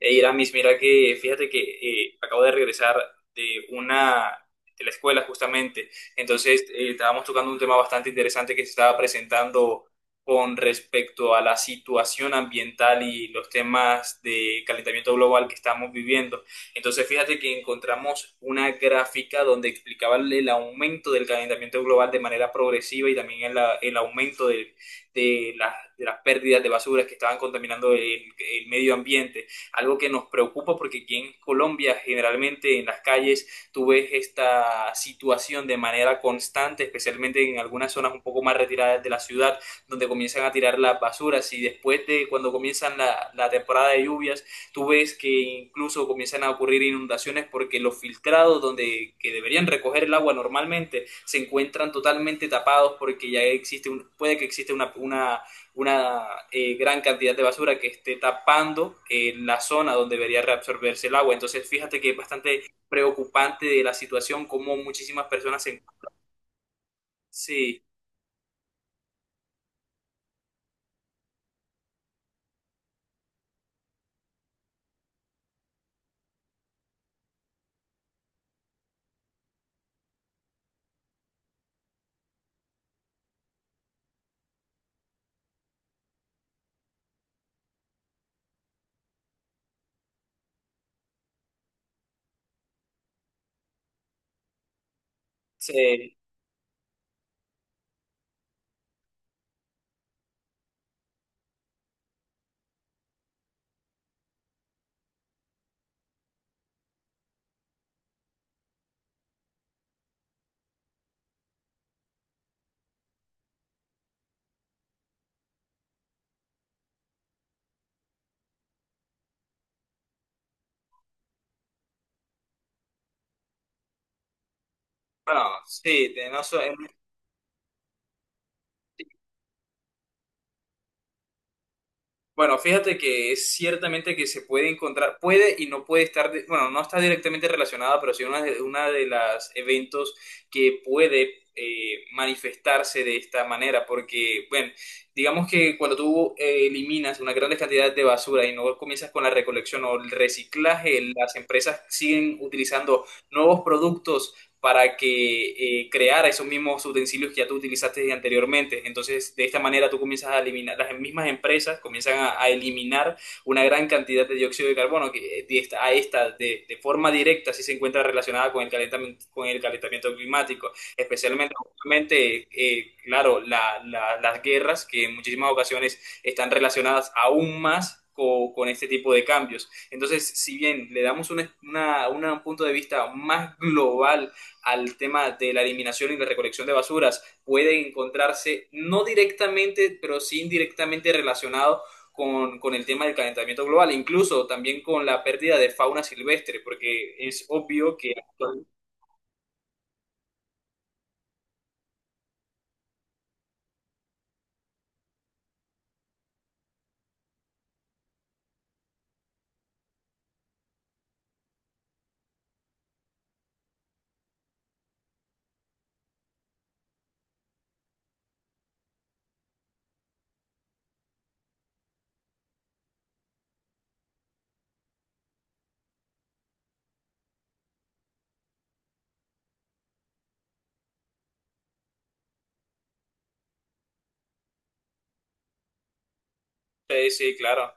Hey, Iramis, mira que fíjate que acabo de regresar de una de la escuela justamente. Entonces, estábamos tocando un tema bastante interesante que se estaba presentando con respecto a la situación ambiental y los temas de calentamiento global que estamos viviendo. Entonces, fíjate que encontramos una gráfica donde explicaba el aumento del calentamiento global de manera progresiva y también el aumento de, de las pérdidas de basuras que estaban contaminando el medio ambiente, algo que nos preocupa porque aquí en Colombia generalmente en las calles tú ves esta situación de manera constante, especialmente en algunas zonas un poco más retiradas de la ciudad, donde comienzan a tirar las basuras y después de cuando comienzan la temporada de lluvias, tú ves que incluso comienzan a ocurrir inundaciones porque los filtrados donde que deberían recoger el agua normalmente se encuentran totalmente tapados porque ya existe un, puede que existe una, una gran cantidad de basura que esté tapando la zona donde debería reabsorberse el agua. Entonces, fíjate que es bastante preocupante de la situación, como muchísimas personas se... Sí, sí, bueno, sí, de no so- Bueno, fíjate que es ciertamente que se puede encontrar, puede y no puede estar, de- bueno, no está directamente relacionada, pero sí una de las eventos que puede manifestarse de esta manera, porque, bueno, digamos que cuando tú eliminas una gran cantidad de basura y no comienzas con la recolección o el reciclaje, las empresas siguen utilizando nuevos productos para que creara esos mismos utensilios que ya tú utilizaste anteriormente. Entonces, de esta manera tú comienzas a eliminar, las mismas empresas comienzan a eliminar una gran cantidad de dióxido de carbono que de esta, a esta de, forma directa sí se encuentra relacionada con el calentamiento climático, especialmente, obviamente, claro, la, las guerras que en muchísimas ocasiones están relacionadas aún más con, este tipo de cambios. Entonces, si bien le damos una, un punto de vista más global al tema de la eliminación y la recolección de basuras puede encontrarse no directamente, pero sí indirectamente relacionado con, el tema del calentamiento global, incluso también con la pérdida de fauna silvestre, porque es obvio que... Sí, sí, claro.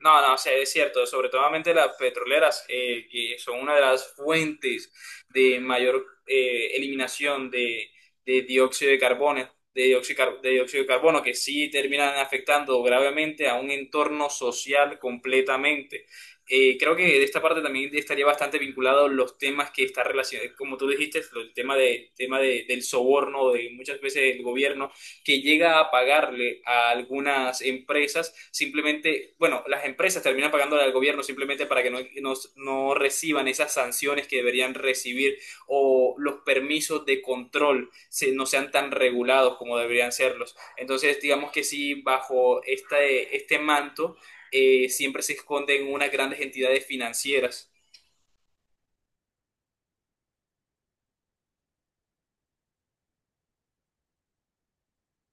No, no, sí, es cierto, sobre todo las petroleras, que son una de las fuentes de mayor eliminación de dióxido de carbono, de dióxido, de car- de dióxido de carbono, que sí terminan afectando gravemente a un entorno social completamente. Creo que de esta parte también estaría bastante vinculado los temas que están relacionados, como tú dijiste, el tema de- del soborno, de muchas veces el gobierno que llega a pagarle a algunas empresas, simplemente, bueno, las empresas terminan pagándole al gobierno simplemente para que no, no, no reciban esas sanciones que deberían recibir o los permisos de control se, no sean tan regulados como deberían serlos. Entonces, digamos que sí, bajo este, este manto siempre se esconden unas grandes entidades financieras.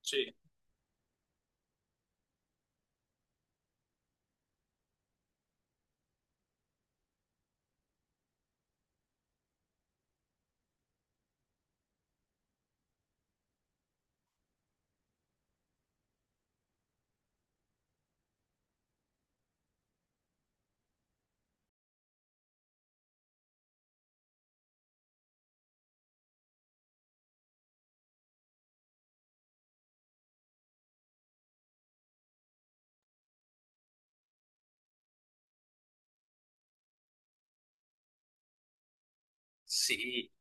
Sí. Sí,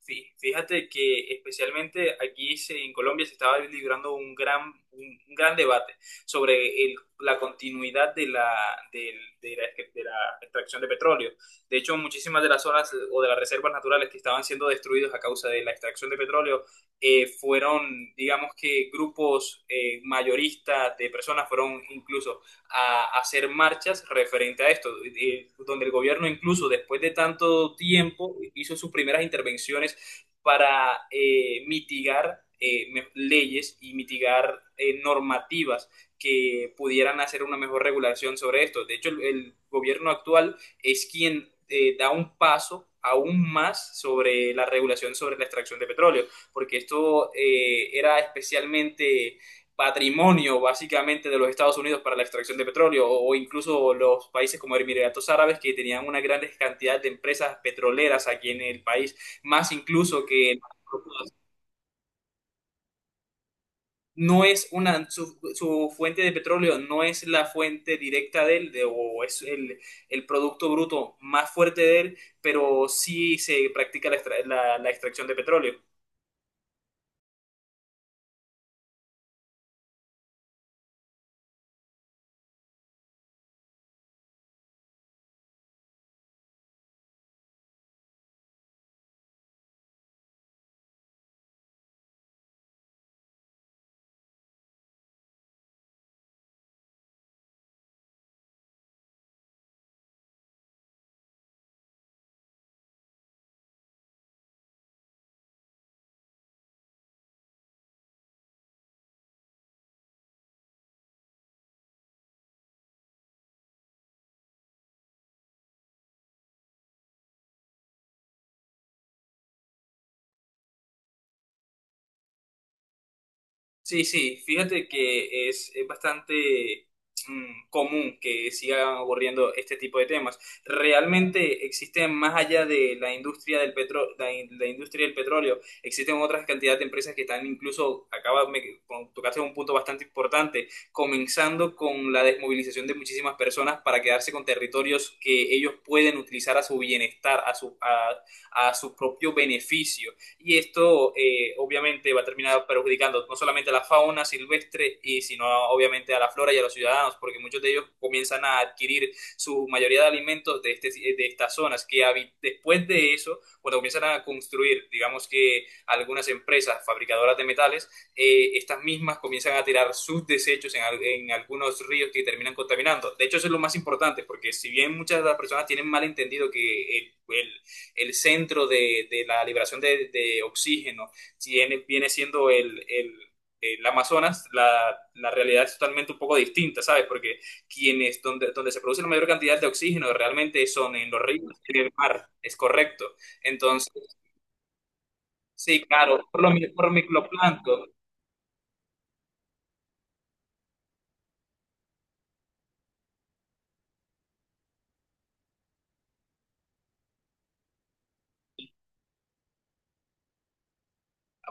sí, fíjate que especialmente aquí se- en Colombia se estaba librando un gran debate sobre el- la continuidad de la, del- de la extracción de petróleo. De hecho, muchísimas de las zonas o de las reservas naturales que estaban siendo destruidas a causa de la extracción de petróleo fueron, digamos que grupos mayoristas de personas fueron incluso a hacer marchas referente a esto, donde el gobierno incluso después de tanto tiempo hizo sus primeras intervenciones para mitigar me- leyes y mitigar normativas que pudieran hacer una mejor regulación sobre esto. De hecho, el gobierno actual es quien da un paso aún más sobre la regulación sobre la extracción de petróleo, porque esto era especialmente patrimonio básicamente de los Estados Unidos para la extracción de petróleo o incluso los países como Emiratos Árabes que tenían una gran cantidad de empresas petroleras aquí en el país, más incluso que no es una su, su fuente de petróleo no es la fuente directa de él de- o es el producto bruto más fuerte de él, pero sí se practica la extra- la- la extracción de petróleo. Sí, sí, fíjate que es bastante común que sigan ocurriendo este tipo de temas. Realmente existen más allá de la industria del petro- la, in- la industria del petróleo, existen otras cantidad de empresas que están incluso, acaba, me, con- tocaste un punto bastante importante, comenzando con la desmovilización de muchísimas personas para quedarse con territorios que ellos pueden utilizar a su bienestar, a su propio beneficio y esto obviamente va a terminar perjudicando no solamente a la fauna silvestre, y sino obviamente a la flora y a los ciudadanos, porque muchos de ellos comienzan a adquirir su mayoría de alimentos de, este, de estas zonas, que habi- después de eso, cuando comienzan a construir, digamos que algunas empresas fabricadoras de metales, estas mismas comienzan a tirar sus desechos en algunos ríos que terminan contaminando. De hecho, eso es lo más importante, porque si bien muchas de las personas tienen mal entendido que el centro de la liberación de oxígeno, si viene, viene siendo el Amazonas, la, realidad es totalmente un poco distinta, ¿sabes? Porque quienes, donde, donde se produce la mayor cantidad de oxígeno realmente son en los ríos y en el mar, es correcto. Entonces, sí, claro, por lo mi por microplancton,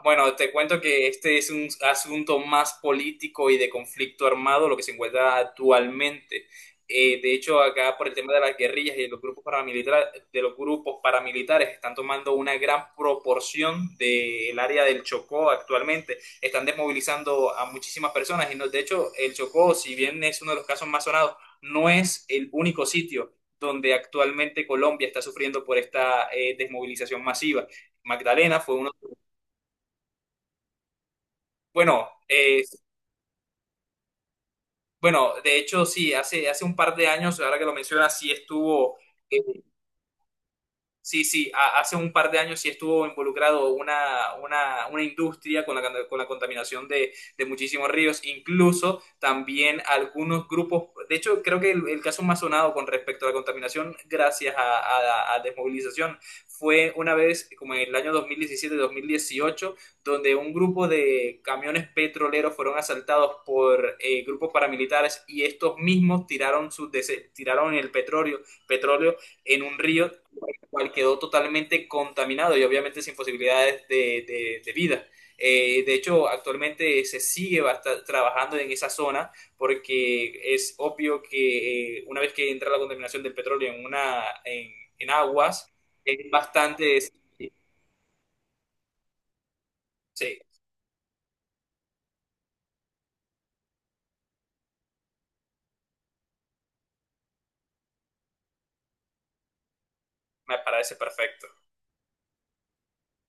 bueno, te cuento que este es un asunto más político y de conflicto armado, lo que se encuentra actualmente. De hecho, acá por el tema de las guerrillas y de los grupos paramilitares, de los grupos paramilitares están tomando una gran proporción del área del Chocó actualmente. Están desmovilizando a muchísimas personas y no- de hecho, el Chocó, si bien es uno de los casos más sonados, no es el único sitio donde actualmente Colombia está sufriendo por esta desmovilización masiva. Magdalena fue uno, bueno, bueno, de hecho sí, hace, hace un par de años, ahora que lo mencionas, sí estuvo, eh, sí, sí, a- hace un par de años sí estuvo involucrado una industria con la, can- con la contaminación de muchísimos ríos, incluso también algunos grupos, de hecho creo que el caso más sonado con respecto a la contaminación gracias a desmovilización fue una vez como en el año 2017-2018, donde un grupo de camiones petroleros fueron asaltados por grupos paramilitares y estos mismos tiraron, sus dese- tiraron el petróleo, petróleo en un río cual quedó totalmente contaminado y obviamente sin posibilidades de vida. De hecho, actualmente se sigue basta- trabajando en esa zona porque es obvio que una vez que entra la contaminación del petróleo en, una, en aguas, es bastante... Sí, me parece perfecto.